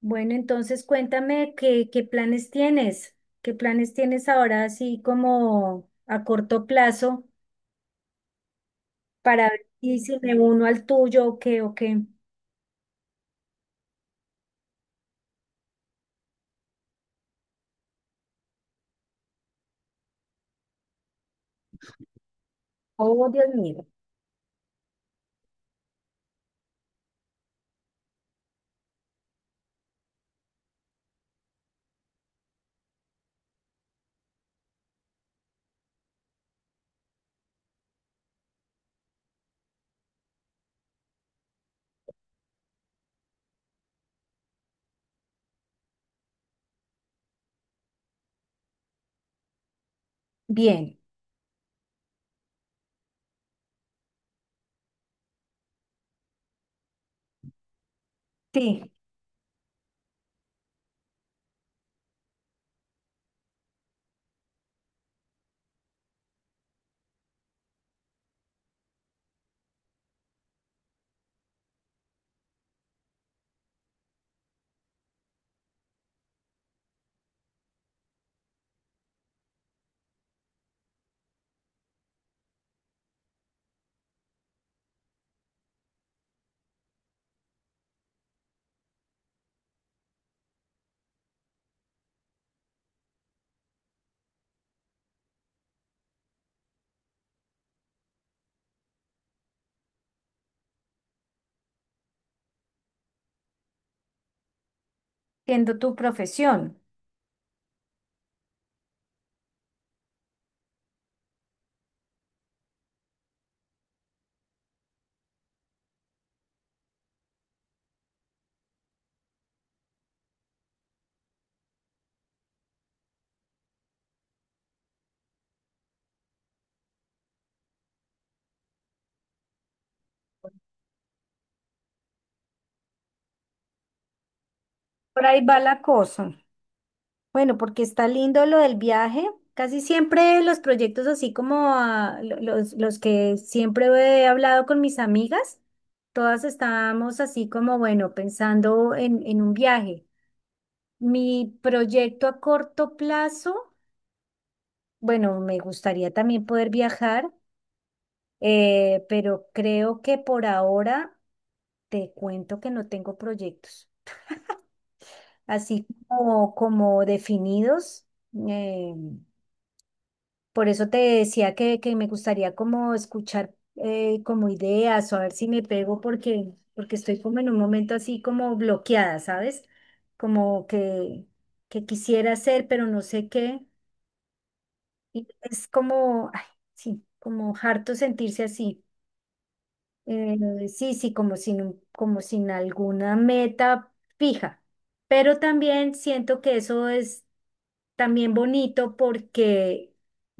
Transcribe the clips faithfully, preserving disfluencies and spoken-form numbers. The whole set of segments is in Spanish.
Bueno, entonces cuéntame qué, qué planes tienes, qué planes tienes ahora así como a corto plazo para ver si, si me uno al tuyo o qué o qué. Oh, Dios mío. Bien, sí, siendo tu profesión. Por ahí va la cosa. Bueno, porque está lindo lo del viaje. Casi siempre los proyectos así como ah, lo- los, los que siempre he hablado con mis amigas, todas estábamos así como, bueno, pensando en en un viaje. Mi proyecto a corto plazo, bueno, me gustaría también poder viajar, eh, pero creo que por ahora te cuento que no tengo proyectos así como, como definidos. eh, por eso te decía que, que me gustaría como escuchar eh, como ideas o a ver si me pego porque, porque estoy como en un momento así como bloqueada, ¿sabes? Como que, que quisiera hacer, pero no sé qué. Y es como, ay, sí, como harto sentirse así. Eh, sí, sí, como sin, un- como sin alguna meta fija. Pero también siento que eso es también bonito porque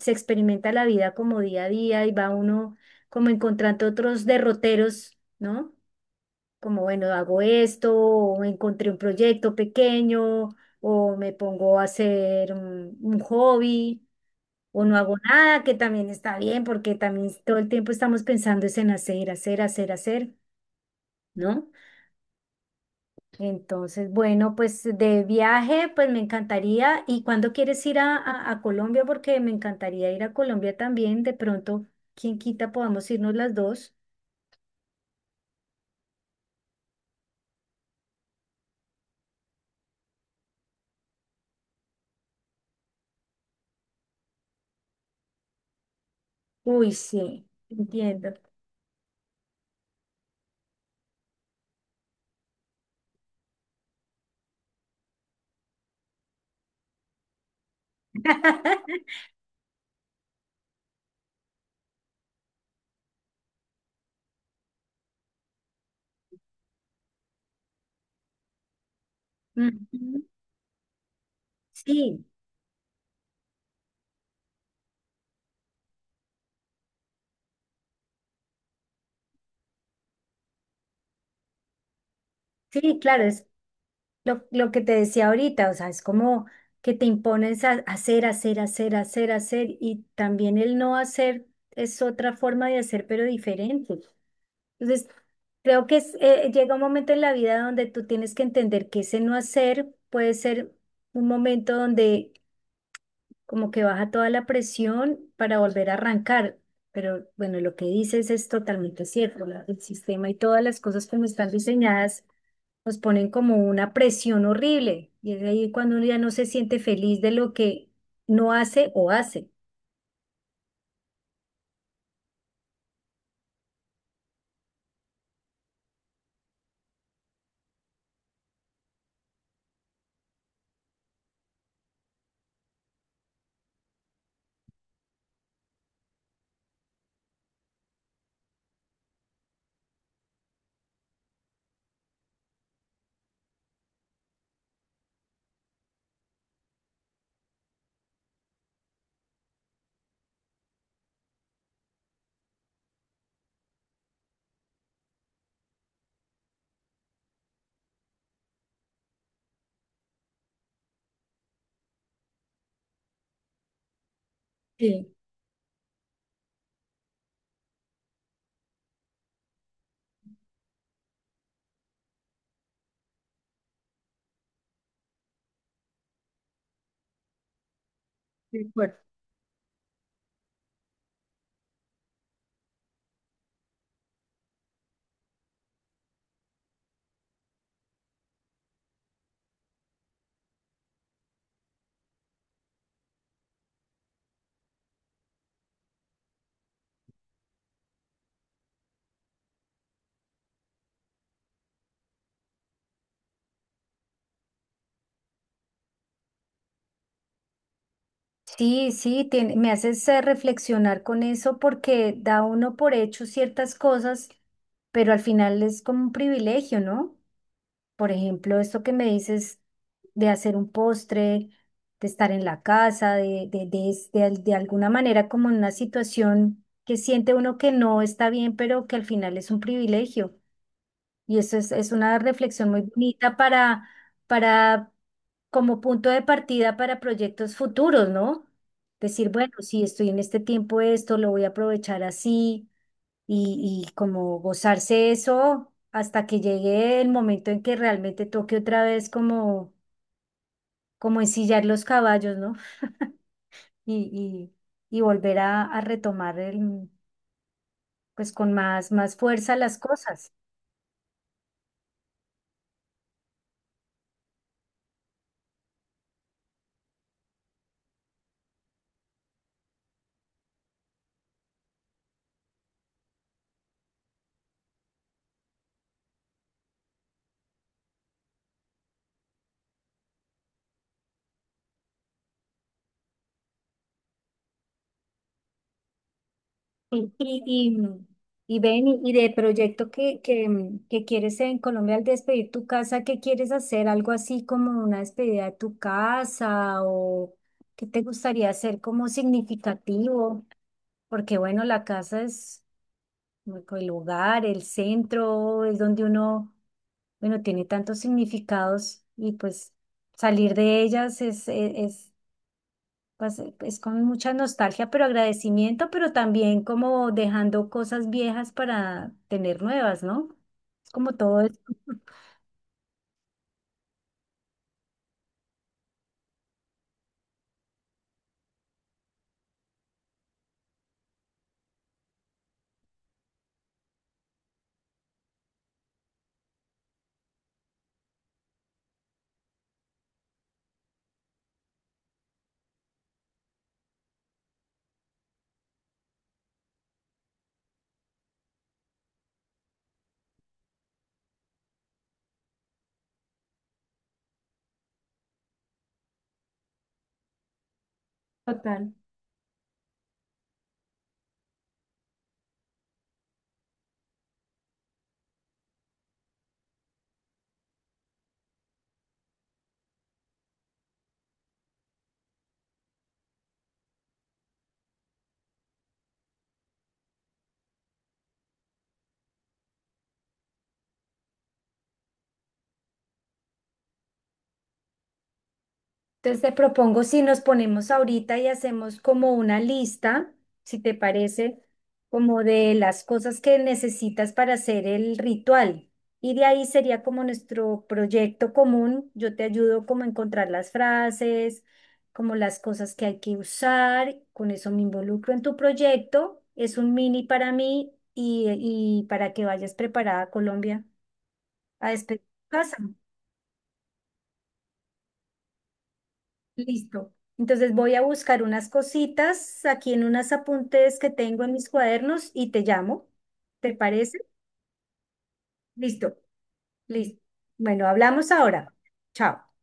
se experimenta la vida como día a día y va uno como encontrando otros derroteros, ¿no? Como, bueno, hago esto, o encontré un proyecto pequeño, o me pongo a hacer un un hobby o no hago nada, que también está bien, porque también todo el tiempo estamos pensando es en hacer, hacer, hacer, hacer, ¿no? Entonces, bueno, pues de viaje, pues me encantaría. ¿Y cuándo quieres ir a, a, a Colombia? Porque me encantaría ir a Colombia también. De pronto, quién quita, podamos irnos las dos. Uy, sí, entiendo. Ujú. Sí, sí, claro, es. Lo, lo que te decía ahorita, o sea, es como que te impones a hacer, hacer, hacer, hacer, hacer, y también el no hacer es otra forma de hacer, pero diferente. Entonces, creo que es, eh, llega un momento en la vida donde tú tienes que entender que ese no hacer puede ser un momento donde como que baja toda la presión para volver a arrancar. Pero bueno, lo que dices es totalmente cierto, la- el sistema y todas las cosas como están diseñadas nos ponen como una presión horrible y es ahí cuando uno ya no se siente feliz de lo que no hace o hace. Sí, de acuerdo. Sí, sí, tiene- me haces eh, reflexionar con eso porque da uno por hecho ciertas cosas, pero al final es como un privilegio, ¿no? Por ejemplo, esto que me dices de hacer un postre, de estar en la casa, de, de, de, es- de al- de alguna manera como en una situación que siente uno que no está bien, pero que al final es un privilegio. Y eso es, es una reflexión muy bonita para, para, como punto de partida para proyectos futuros, ¿no? Decir, bueno, si estoy en este tiempo esto, lo voy a aprovechar así y, y como gozarse eso hasta que llegue el momento en que realmente toque otra vez como, como ensillar los caballos, ¿no? Y, y, y volver a, a retomar el, pues con más, más fuerza las cosas. Y, y, y ven, y y de proyecto que, que, que quieres en Colombia al despedir tu casa, ¿qué quieres hacer? ¿Algo así como una despedida de tu casa o qué te gustaría hacer como significativo? Porque bueno, la casa es como el lugar, el centro, es donde uno, bueno, tiene tantos significados y pues salir de ellas es es pues eh, es con mucha nostalgia, pero agradecimiento, pero también como dejando cosas viejas para tener nuevas, ¿no? Es como todo es. Total. Entonces te propongo si nos ponemos ahorita y hacemos como una lista, si te parece, como de las cosas que necesitas para hacer el ritual. Y de ahí sería como nuestro proyecto común. Yo te ayudo como a encontrar las frases, como las cosas que hay que usar. Con eso me involucro en tu proyecto. Es un mini para mí y, y para que vayas preparada a Colombia a despedir tu casa. Listo. Entonces voy a buscar unas cositas aquí en unos apuntes que tengo en mis cuadernos y te llamo. ¿Te parece? Listo, listo. Bueno, hablamos ahora. Chao.